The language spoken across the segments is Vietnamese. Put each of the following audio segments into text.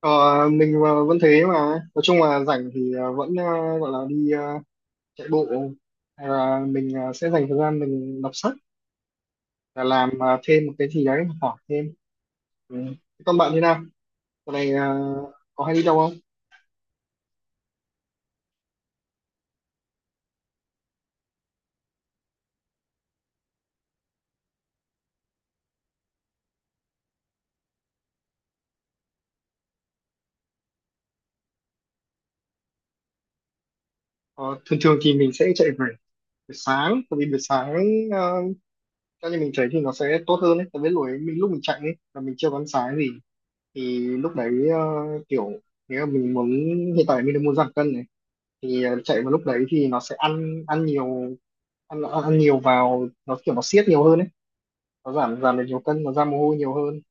Ờ, mình vẫn thế mà. Nói chung là rảnh thì vẫn gọi là đi chạy bộ. Hay là mình sẽ dành thời gian mình đọc sách và làm thêm một cái gì đấy, học hỏi thêm. Ừ. Thế còn bạn thế nào? Dạo này có hay đi đâu không? Ờ, thường thường thì mình sẽ chạy buổi buổi sáng. Tại vì buổi sáng ờ, cho nên mình chạy thì nó sẽ tốt hơn ấy. Tại vì lúc ấy mình, lúc mình chạy ấy là mình chưa có ăn sáng gì, thì lúc đấy kiểu, nếu mà mình muốn, hiện tại mình đang muốn giảm cân này, thì chạy vào lúc đấy thì nó sẽ ăn ăn nhiều, ăn ăn nhiều vào nó kiểu nó siết nhiều hơn ấy, nó giảm giảm được nhiều cân, nó ra mồ hôi nhiều hơn.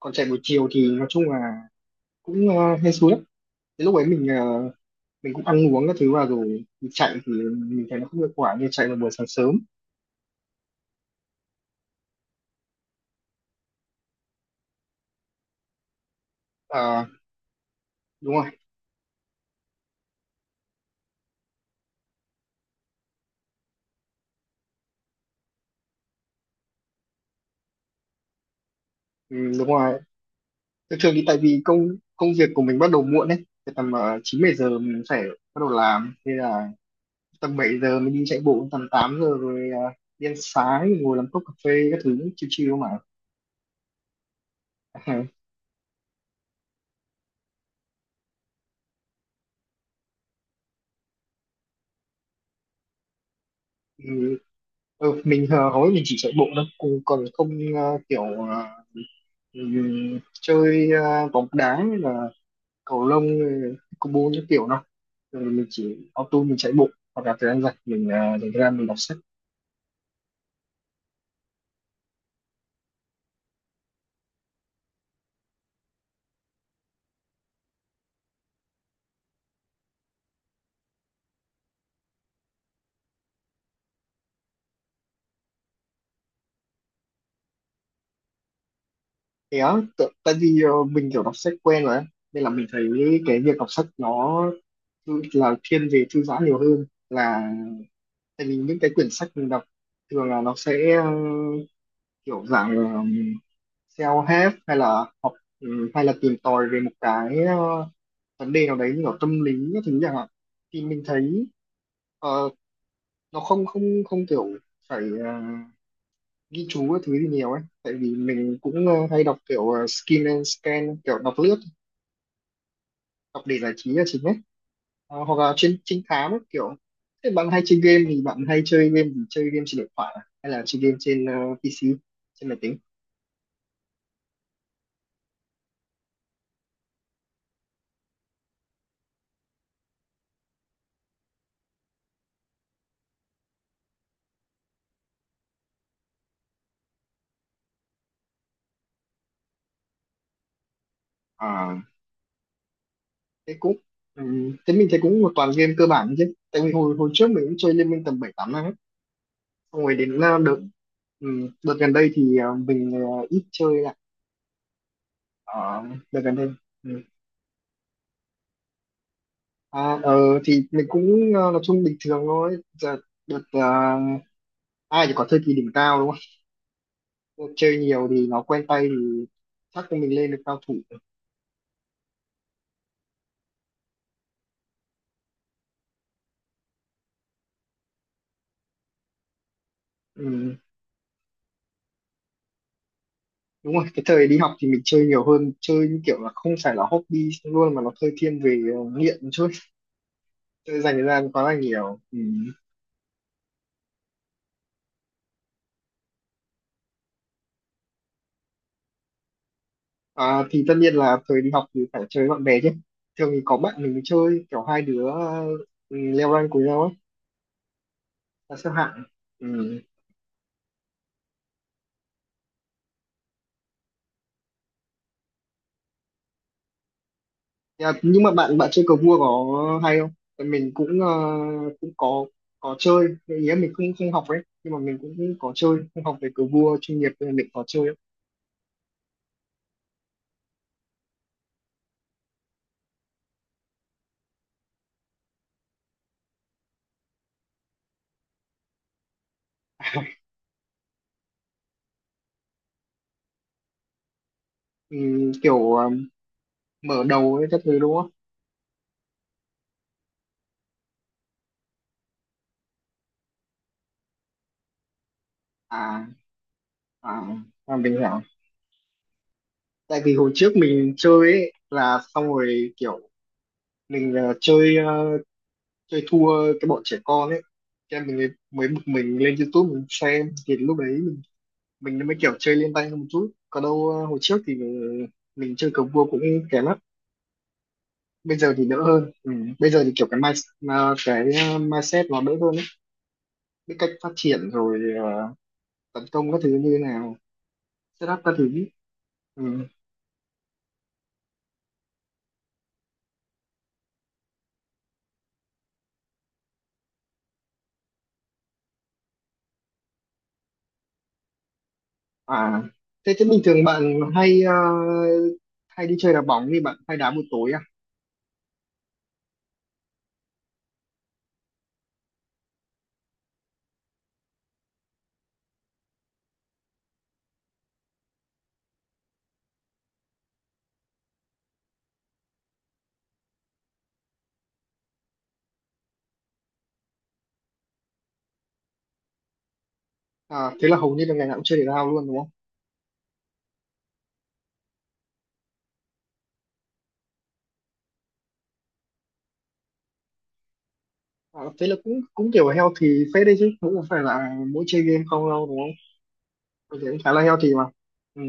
Còn chạy buổi chiều thì nói chung là cũng hên xui lắm. Đến lúc ấy mình, mình cũng ăn uống các thứ vào rồi mình chạy thì mình thấy nó không hiệu quả như chạy vào buổi sáng sớm. Ờ, đúng rồi. Ừ, đúng rồi. Thường thường thì tại vì công công việc của mình bắt đầu muộn ấy. Thì tầm chín bảy giờ mình phải bắt đầu làm, thế là tầm 7 giờ mình đi chạy bộ, tầm 8 giờ rồi đi ăn sáng, ngồi làm cốc cà phê các thứ, chill chill mà. Ừ, mình, hầu hết mình chỉ chạy bộ thôi, cũng còn không ờ, kiểu ờ, chơi bóng đá hay là cầu lông, pickleball những kiểu đâu. Thường mình chỉ auto mình chạy bộ, hoặc là thời gian rảnh mình dành ra mình đọc sách. Thế á, tại vì mình kiểu đọc sách quen rồi ấy. Nên là mình thấy cái việc đọc sách nó là thiên về thư giãn nhiều hơn là, tại vì những cái quyển sách mình đọc thường là nó sẽ kiểu dạng self-help hay là học. Ừ, hay là tìm tòi về một cái vấn đề nào đấy như kiểu tâm lý các thứ chẳng hạn, thì mình thấy ờ, nó không không không kiểu phải ghi chú các thứ gì nhiều ấy, tại vì mình cũng hay đọc kiểu skin and scan, kiểu đọc lướt, đọc để giải trí là chính ấy. Ờ, hoặc là trên trinh thám ấy, kiểu thế bạn hay chơi game, thì bạn hay chơi game trên điện thoại à? Hay là chơi game trên PC, trên máy tính? À, thế cũng, ừ, thế mình thấy cũng một toàn game cơ bản chứ, tại vì hồi hồi trước mình cũng chơi Liên Minh tầm 7-8 năm ấy. Xong rồi đến ừ, đợt gần đây thì mình ít chơi lại. Ờ, đợt gần đây. Ừ. À, thì mình cũng nói chung bình thường thôi. Giờ đợt ai thì có thời kỳ đỉnh cao, đúng không? Chơi nhiều thì nó quen tay thì chắc là mình lên được cao thủ. Ừ, đúng rồi, cái thời đi học thì mình chơi nhiều hơn, chơi như kiểu là không phải là hobby luôn mà nó hơi thiên về nghiện một chút, chơi dành thời gian quá là nhiều. Ừ. À, thì tất nhiên là thời đi học thì phải chơi với bạn bè chứ. Thường thì có bạn mình chơi kiểu hai đứa, ừ, leo rank cùng nhau ấy, là xếp hạng. Ừ. Nhưng mà bạn bạn chơi cờ vua có hay không? Tại mình cũng cũng có chơi. Cái ý là mình cũng không học ấy, nhưng mà mình cũng có chơi, không học về cờ vua chuyên nghiệp nên mình có chơi ấy. Ừ, kiểu mở đầu ấy các thứ, đúng không? À à, à mình hiểu. Tại vì hồi trước mình chơi ấy là, xong rồi kiểu mình chơi thua cái bọn trẻ con ấy. Thế em mình mới mới bực, mình lên YouTube mình xem thì lúc đấy mình mới kiểu chơi lên tay hơn một chút. Còn đâu hồi trước thì mình chơi cờ vua cũng kém lắm, bây giờ thì đỡ hơn. Ừ, bây giờ thì kiểu cái mindset, mindset nó đỡ hơn ấy, biết cách phát triển rồi, tấn công các thứ như thế nào, setup các thứ. Ừ. À, thế thế bình thường bạn hay đi chơi đá bóng, thì bạn hay đá buổi tối à? À, thế là hầu như là ngày nào cũng chơi thể thao luôn đúng không? À, thế là cũng cũng kiểu healthy phết đấy chứ, cũng không phải là mỗi chơi game không đâu đúng không? Tôi thấy cũng khá là healthy mà. Ừ.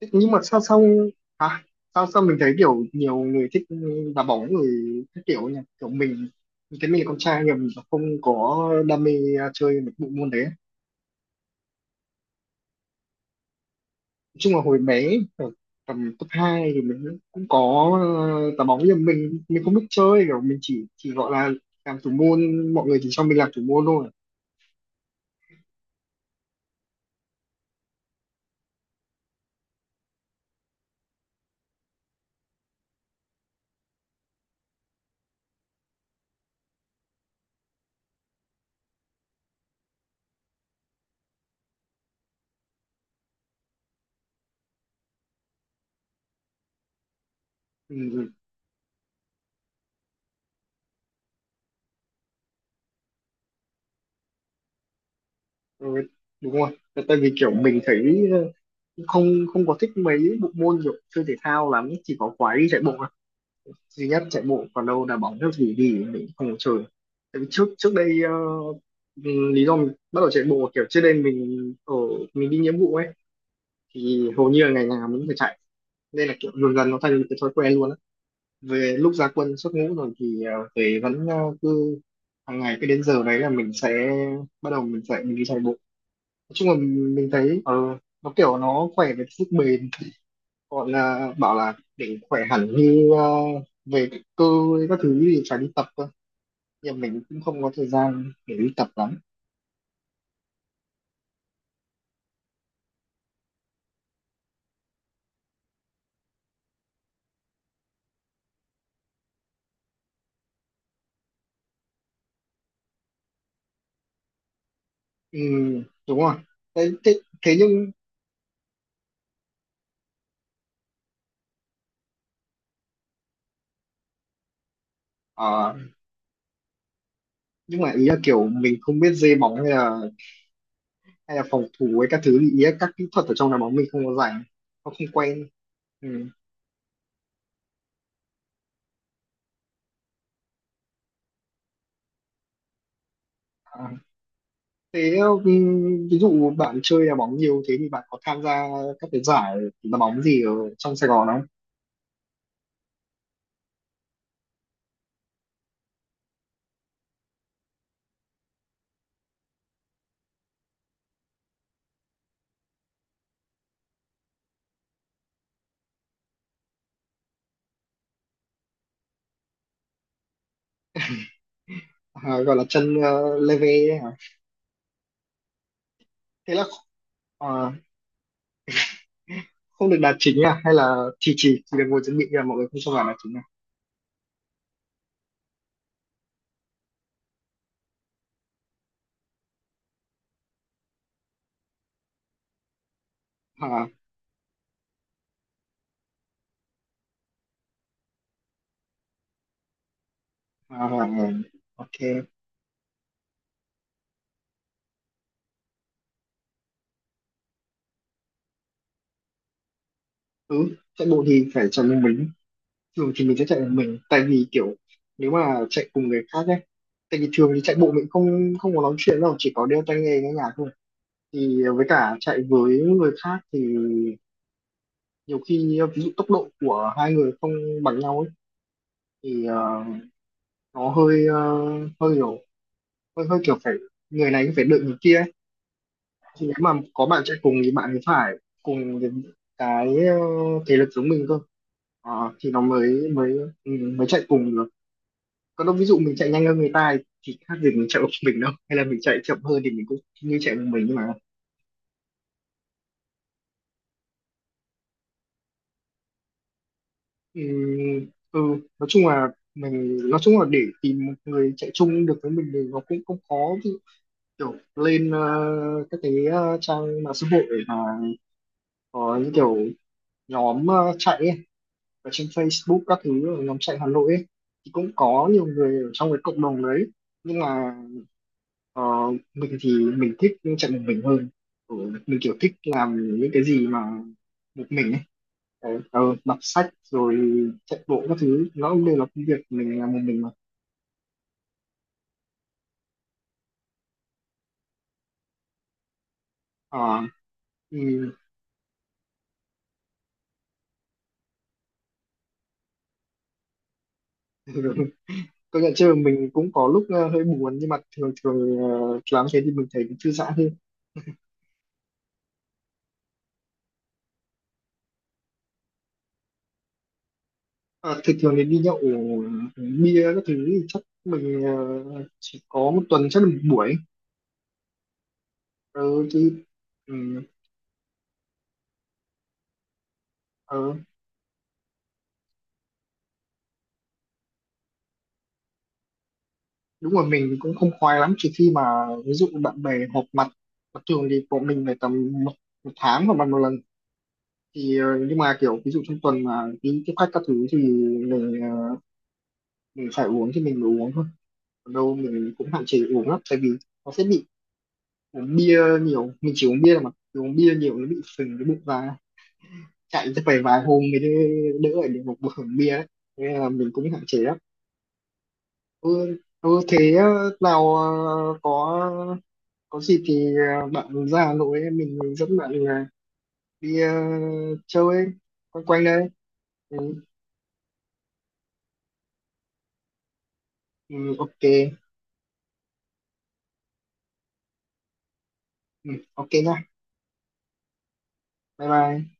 Thế nhưng mà sao sao à, sao sao mình thấy kiểu nhiều người thích đá bóng, người các kiểu nhỉ. Kiểu mình thấy mình là con trai nhưng mà mình không có đam mê chơi một bộ môn đấy. Nói chung là hồi bé ở tầm cấp 2 thì mình cũng có đá bóng, nhưng mà mình không biết chơi, kiểu mình chỉ gọi là làm thủ môn, mọi người chỉ cho mình làm thủ môn thôi. Ừ. Ừ, đúng rồi. Tại tại vì kiểu mình thấy không không có thích mấy bộ môn kiểu chơi thể thao lắm, chỉ có quái đi chạy bộ thôi. Duy nhất chạy bộ, còn đâu là bóng theo gì thì mình không có chơi. Tại vì trước trước đây lý do mình bắt đầu chạy bộ kiểu trước đây mình đi nghĩa vụ ấy, thì hầu như là ngày nào mình cũng phải chạy. Nên là kiểu dần dần nó thành một cái thói quen luôn á. Về lúc ra quân xuất ngũ rồi thì về vẫn cứ hàng ngày, cứ đến giờ đấy là mình sẽ bắt đầu mình chạy, mình đi chạy bộ. Nói chung là mình thấy nó kiểu nó khỏe về sức bền, gọi là bảo là để khỏe hẳn như về cơ các thứ thì phải đi tập cơ, nhưng mình cũng không có thời gian để đi tập lắm. Ừ, đúng rồi. Thế, thế, thế nhưng ờ, nhưng mà ý là kiểu mình không biết dê bóng hay là phòng thủ với các thứ, thì ý là các kỹ thuật ở trong đá bóng mình không có rành, nó không quen. Ừ. À, thế ừ, ví dụ bạn chơi đá bóng nhiều thế thì bạn có tham gia các cái giải đá bóng gì ở trong Sài Gòn không? À, gọi là chân leve đấy hả. Thế là à, không được đá chính à, hay là chỉ được ngồi chuẩn bị là mọi người không cho vào đá chính à? À, à, à à, OK. Ừ, chạy bộ thì phải chạy một mình. Thường thì mình sẽ chạy một mình, tại vì kiểu nếu mà chạy cùng người khác ấy, tại vì thường thì chạy bộ mình không không có nói chuyện đâu, chỉ có đeo tai nghe nghe nhạc thôi, thì với cả chạy với người khác thì nhiều khi ví dụ tốc độ của hai người không bằng nhau ấy, thì nó hơi ờ, hơi hơi hơi kiểu phải người này cũng phải đợi người kia ấy. Thì nếu mà có bạn chạy cùng thì bạn ấy phải cùng những cái thể lực giống mình cơ. Ờ, thì nó mới mới ừ, mới chạy cùng được, còn đâu ví dụ mình chạy nhanh hơn người ta ấy, thì khác gì mình chạy một mình đâu, hay là mình chạy chậm hơn thì mình cũng như chạy một mình. Nhưng mà ừ, ừ, nói chung là để tìm một người chạy chung được với mình thì nó cũng không khó. Ví dụ kiểu lên các cái trang mạng xã hội mà có những kiểu nhóm chạy ấy, ở trên Facebook các thứ, ở nhóm chạy Hà Nội ấy, thì cũng có nhiều người ở trong cái cộng đồng đấy, nhưng mà ờ, mình thì mình thích chạy một mình hơn. Ừ, mình kiểu thích làm những cái gì mà một mình ấy. Đấy, đọc sách rồi chạy bộ các thứ nó cũng đều là công việc mình làm một mình mà. Ờ, ừ. Công nhận, chưa mình cũng có lúc hơi buồn, nhưng mà thường thường làm thế thì mình thấy cũng thư giãn hơn. À, thì thường thì đi nhậu bia các thứ thì chắc mình chỉ có một tuần chắc được một buổi, ờ, thì ừ, ờ, đúng rồi, mình cũng không khoái lắm trừ khi mà ví dụ bạn bè họp mặt, mà thường thì bọn mình phải tầm một tháng hoặc một lần, thì nhưng mà kiểu ví dụ trong tuần mà đi tiếp khách các thứ thì mình, mình phải uống thì mình mới uống thôi. Còn đâu mình cũng hạn chế uống lắm, tại vì nó sẽ bị uống bia nhiều, mình chỉ uống bia mà uống bia nhiều nó bị phình cái bụng ra, chạy chắc phải vài hôm mới đỡ đỡ ở được một bụng bia đấy, nên là mình cũng hạn chế lắm. Ừ, ừ, thế nào có có gì thì bạn ra Hà Nội ấy, mình dẫn bạn đi chơi ấy, quanh quanh đây. Ừ, ừ, OK. Ừ, OK nha. Bye bye.